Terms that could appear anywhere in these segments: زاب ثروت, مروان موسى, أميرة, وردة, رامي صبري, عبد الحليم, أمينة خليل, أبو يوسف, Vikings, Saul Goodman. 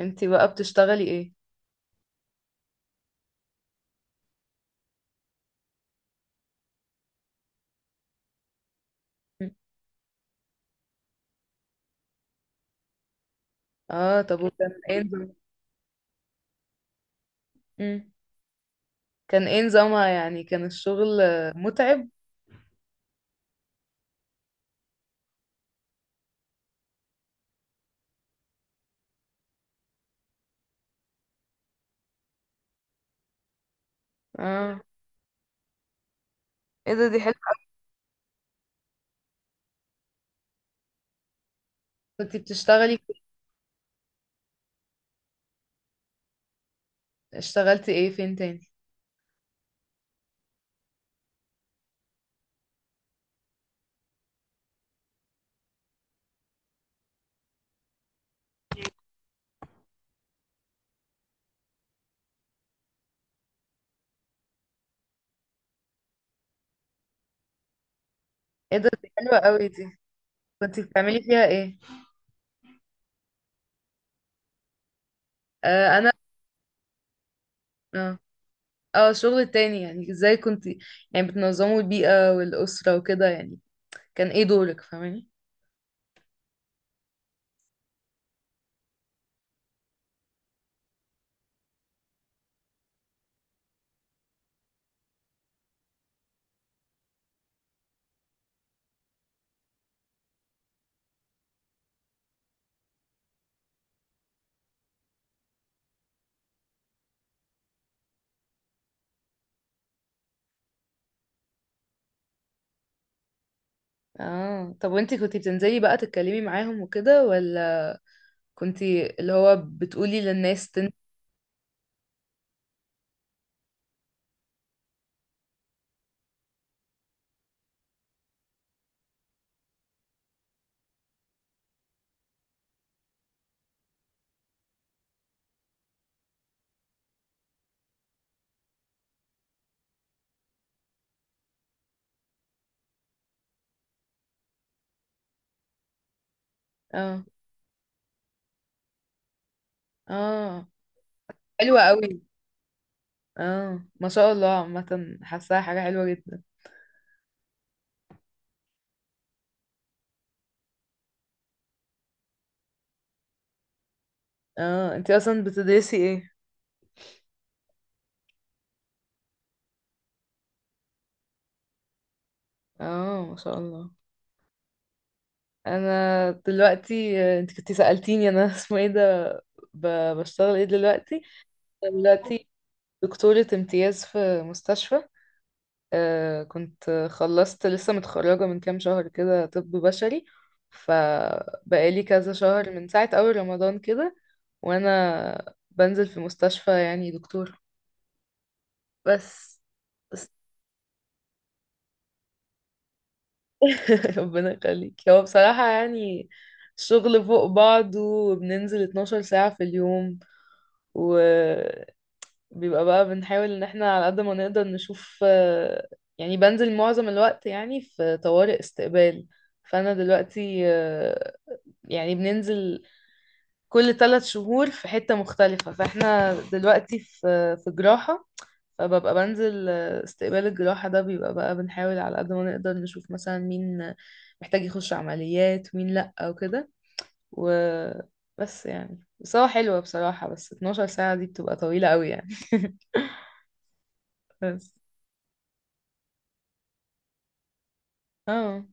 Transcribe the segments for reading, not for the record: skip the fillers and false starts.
انتي بقى بتشتغلي ايه؟ مم. اه، طب مم. كان ايه نظامها، يعني كان الشغل متعب؟ اه، ايه ده، دي حلوة. كنتي بتشتغلي؟ اشتغلتي ايه، فين تاني؟ ايه ده، دي حلوة قوي دي. كنتي بتعملي فيها ايه؟ آه انا اه اه، الشغل التاني، يعني ازاي كنتي، يعني بتنظموا البيئة والأسرة وكده، يعني كان ايه دورك؟ فاهماني؟ اه، طب وانتي كنتي بتنزلي بقى تتكلمي معاهم وكده، ولا كنتي اللي هو بتقولي للناس اه، اه، حلوة قوي. اه، ما شاء الله، عامة حاساها حاجة حلوة جدا. اه، انتي اصلا بتدرسي ايه؟ اه، ما شاء الله. انا دلوقتي، انت كنتي سألتيني انا، اسمه ايه ده؟ بشتغل ايه دلوقتي؟ أنا دلوقتي دكتورة امتياز في مستشفى. كنت خلصت، لسه متخرجة من كام شهر كده، طب بشري. فبقالي كذا شهر من ساعة اول رمضان كده، وانا بنزل في مستشفى، يعني دكتور، بس. ربنا يخليك. هو بصراحة يعني الشغل فوق بعضه، وبننزل 12 ساعة في اليوم، وبيبقى، بقى بنحاول ان احنا على قد ما نقدر نشوف، يعني بنزل معظم الوقت، يعني في طوارئ استقبال. فانا دلوقتي يعني بننزل كل ثلاث شهور في حتة مختلفة. فاحنا دلوقتي في في جراحة. فببقى بنزل استقبال الجراحة ده، بيبقى بقى بنحاول على قد ما نقدر نشوف مثلا مين محتاج يخش عمليات، مين لأ، وكده، وبس يعني. بس هو حلوة بصراحة، بس 12 ساعة دي بتبقى طويلة قوي يعني، بس. اه،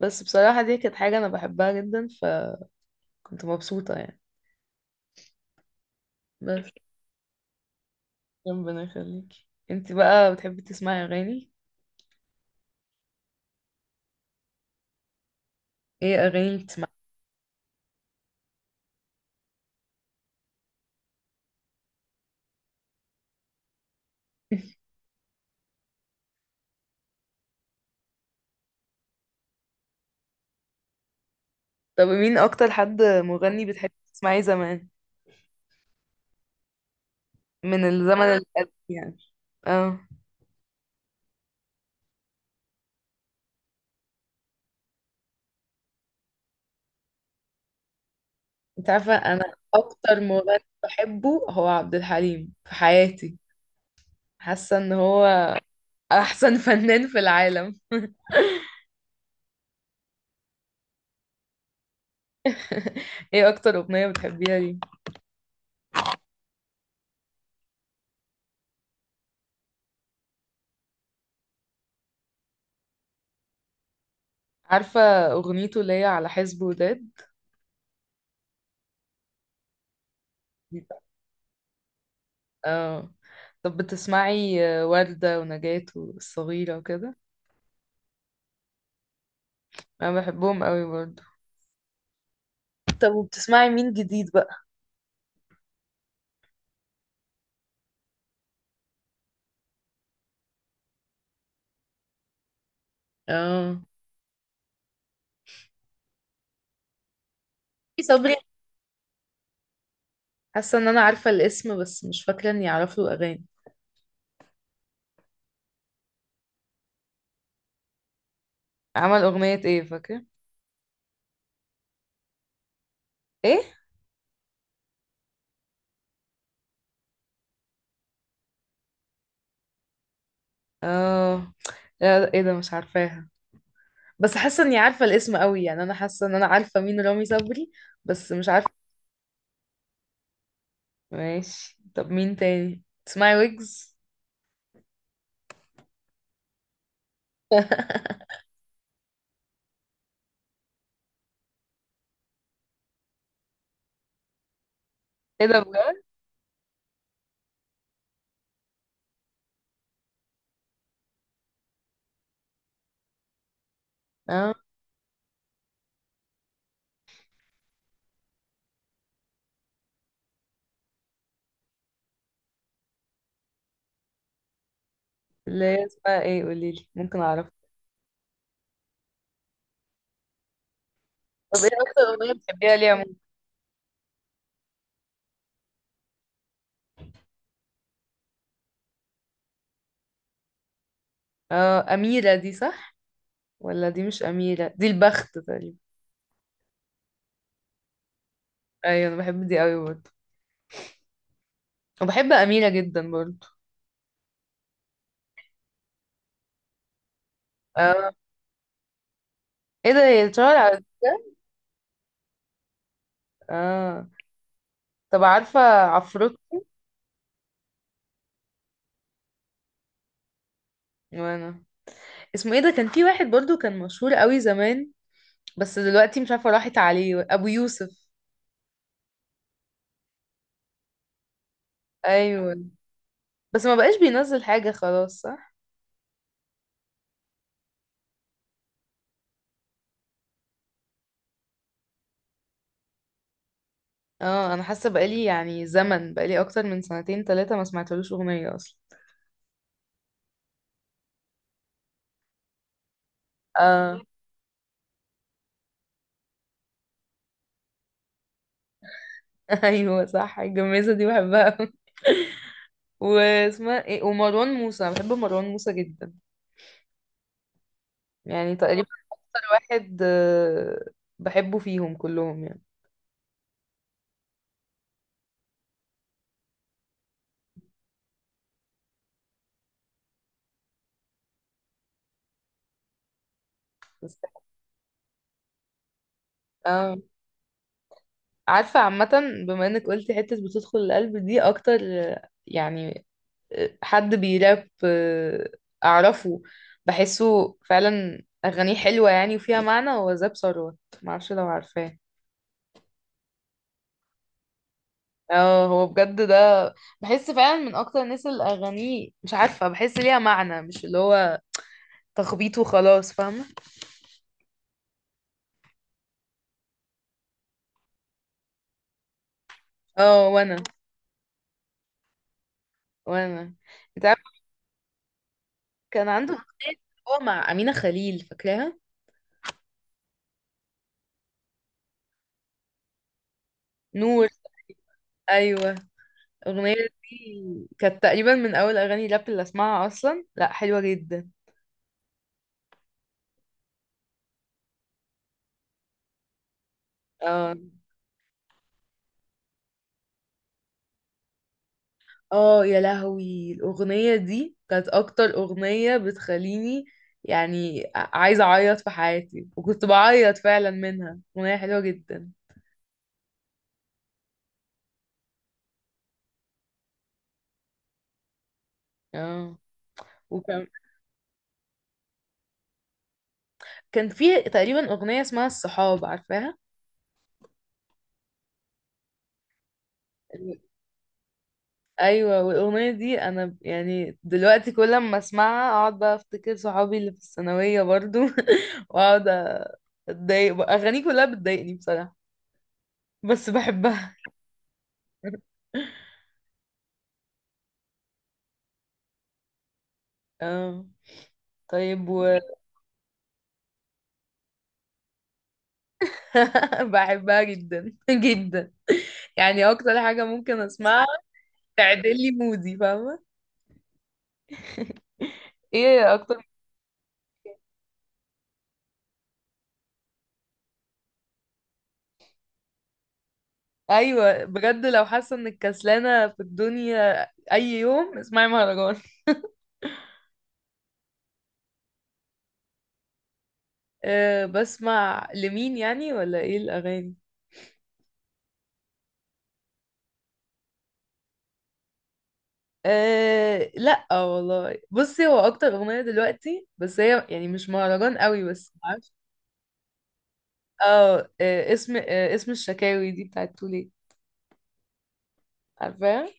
بس بصراحة دي كانت حاجة أنا بحبها جدا، فكنت مبسوطة يعني، بس. ربنا يخليكي. انتي بقى بتحبي تسمعي أغاني؟ ايه أغاني بتسمعي؟ طب مين اكتر حد مغني بتحبي تسمعيه زمان؟ من الزمن انا، القديم يعني. اه. انت عارفه، انا اكتر مغني بحبه هو عبد الحليم في حياتي. حاسه ان هو احسن فنان في العالم. ايه اكتر اغنيه بتحبيها ليه؟ عارفه اغنيته اللي هي على حزب وداد، دي بقى- اه، طب بتسمعي وردة ونجاة والصغيرة وكده؟ انا بحبهم قوي برضو. طب وبتسمعي مين جديد بقى؟ اه، صبري. حاسه ان انا عارفه الاسم بس مش فاكره اني اعرف له اغاني. عمل اغنيه ايه، فاكره؟ ايه؟ اه، لا، لا، ايه ده، مش عارفاها. بس حاسه اني عارفه الاسم قوي يعني، انا حاسه ان انا عارفه مين رامي صبري، بس مش عارفه. ماشي، طب مين تاني تسمعي؟ ويجز؟ ايه ده، بجد؟ اه، اللي هي اسمها ايه؟ قوليلي ممكن اعرف. طب ايه اكتر اغنيه بتحبيها ليه عموما؟ اه، اميره دي، صح؟ ولا دي مش اميره، دي البخت تقريبا. ايوه، انا بحب دي قوي برضه، وبحب اميره جدا برضه. آه. ايه ده، هي اتشهر على ده. اه، طب عارفة عفروت؟ وانا، اسمه ايه ده، كان في واحد برضو كان مشهور قوي زمان، بس دلوقتي مش عارفة راحت عليه، ابو يوسف. ايوه، بس ما بقاش بينزل حاجة خلاص، صح؟ اه، انا حاسة بقالي يعني زمن، بقالي اكتر من سنتين ثلاثة ما سمعتلوش اغنية اصلا. اه. ايوه صح، الجميزة دي بحبها أوي. واسمها ايه؟ ومروان موسى، انا بحب مروان موسى جدا، يعني تقريبا اكتر واحد بحبه فيهم كلهم يعني. بس- اه، عارفة، عامة بما انك قلتي حتة بتدخل القلب دي اكتر يعني حد بيراب اعرفه، بحسه فعلا اغانيه حلوة يعني وفيها معنى، هو زاب ثروت، معرفش لو عارفاه. اه، هو بجد ده، بحس فعلا من اكتر الناس اللي اغانيه، مش عارفة، بحس ليها معنى، مش اللي هو تخبيط وخلاص، فاهمة؟ اه، وانا، وانا انت عارفة؟ كان عنده اغنية، هو مع أمينة خليل، فاكراها؟ نور. ايوه، الأغنية دي كانت تقريبا من أول أغاني راب اللي أسمعها أصلا، لأ حلوة جدا. اه، اه، يا لهوي، الأغنية دي كانت أكتر أغنية بتخليني، يعني عايزة أعيط في حياتي، وكنت بعيط فعلا منها. أغنية حلوة جدا. اه، وكان في تقريبا أغنية اسمها الصحاب، عارفاها؟ أيوة، والأغنية دي أنا، يعني دلوقتي كل ما أسمعها أقعد بقى أفتكر صحابي اللي في الثانوية برضو. واقعد اتضايق بقى. اغانيه كلها بتضايقني بصراحة، بس بحبها. اه، طيب و بحبها جدا، جدا. يعني اكتر حاجة ممكن اسمعها تعدل لي مودي، فاهمة؟ ايه اكتر؟ ايوه بجد، لو حاسة انك كسلانة في الدنيا، اي يوم اسمعي مهرجان. أه، بسمع لمين يعني، ولا ايه الاغاني؟ أه، لا والله، بصي، هو اكتر اغنية دلوقتي، بس هي يعني مش مهرجان قوي، بس. اه، اسم الشكاوي دي بتاعت تولي، عارفاها؟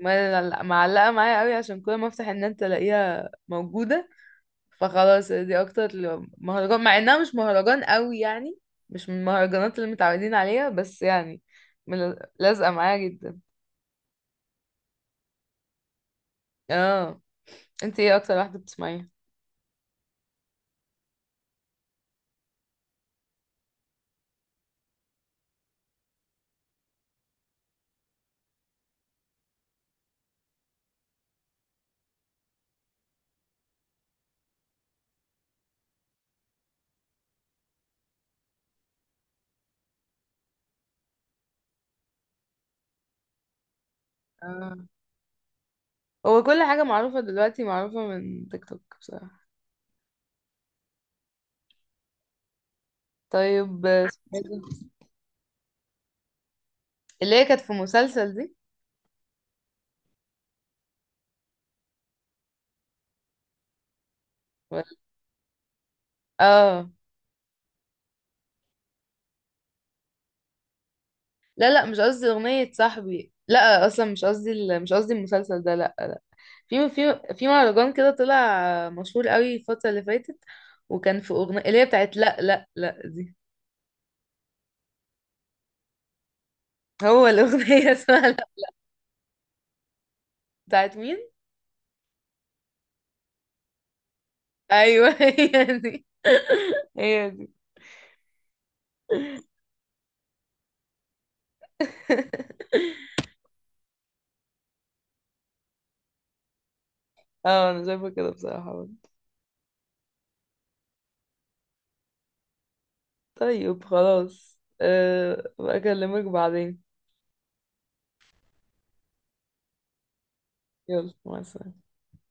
معلقة معايا قوي عشان كل ما افتح النت الاقيها موجودة. فخلاص دي اكتر مهرجان، مع انها مش مهرجان قوي يعني، مش من المهرجانات اللي متعودين عليها، بس يعني لازقة معايا جدا. اه، انت ايه اكتر واحدة بتسمعيها؟ اه، هو كل حاجة معروفة دلوقتي، معروفة من تيك توك بصراحة. طيب اللي هي كانت في مسلسل دي، ولا- اه، لا لا، مش قصدي أغنية صاحبي، لا أصلا مش قصدي مش قصدي المسلسل ده، لا لا. في مهرجان كده طلع مشهور قوي الفترة اللي فاتت، وكان في أغنية اللي هي بتاعت لا لا لا دي. هو الأغنية، اسمها لا، بتاعت مين؟ أيوه، هي دي، هي دي. اه، أنا شايفة كده بصراحة. طيب خلاص، أه بكلمك بعدين. يلا مع السلامة.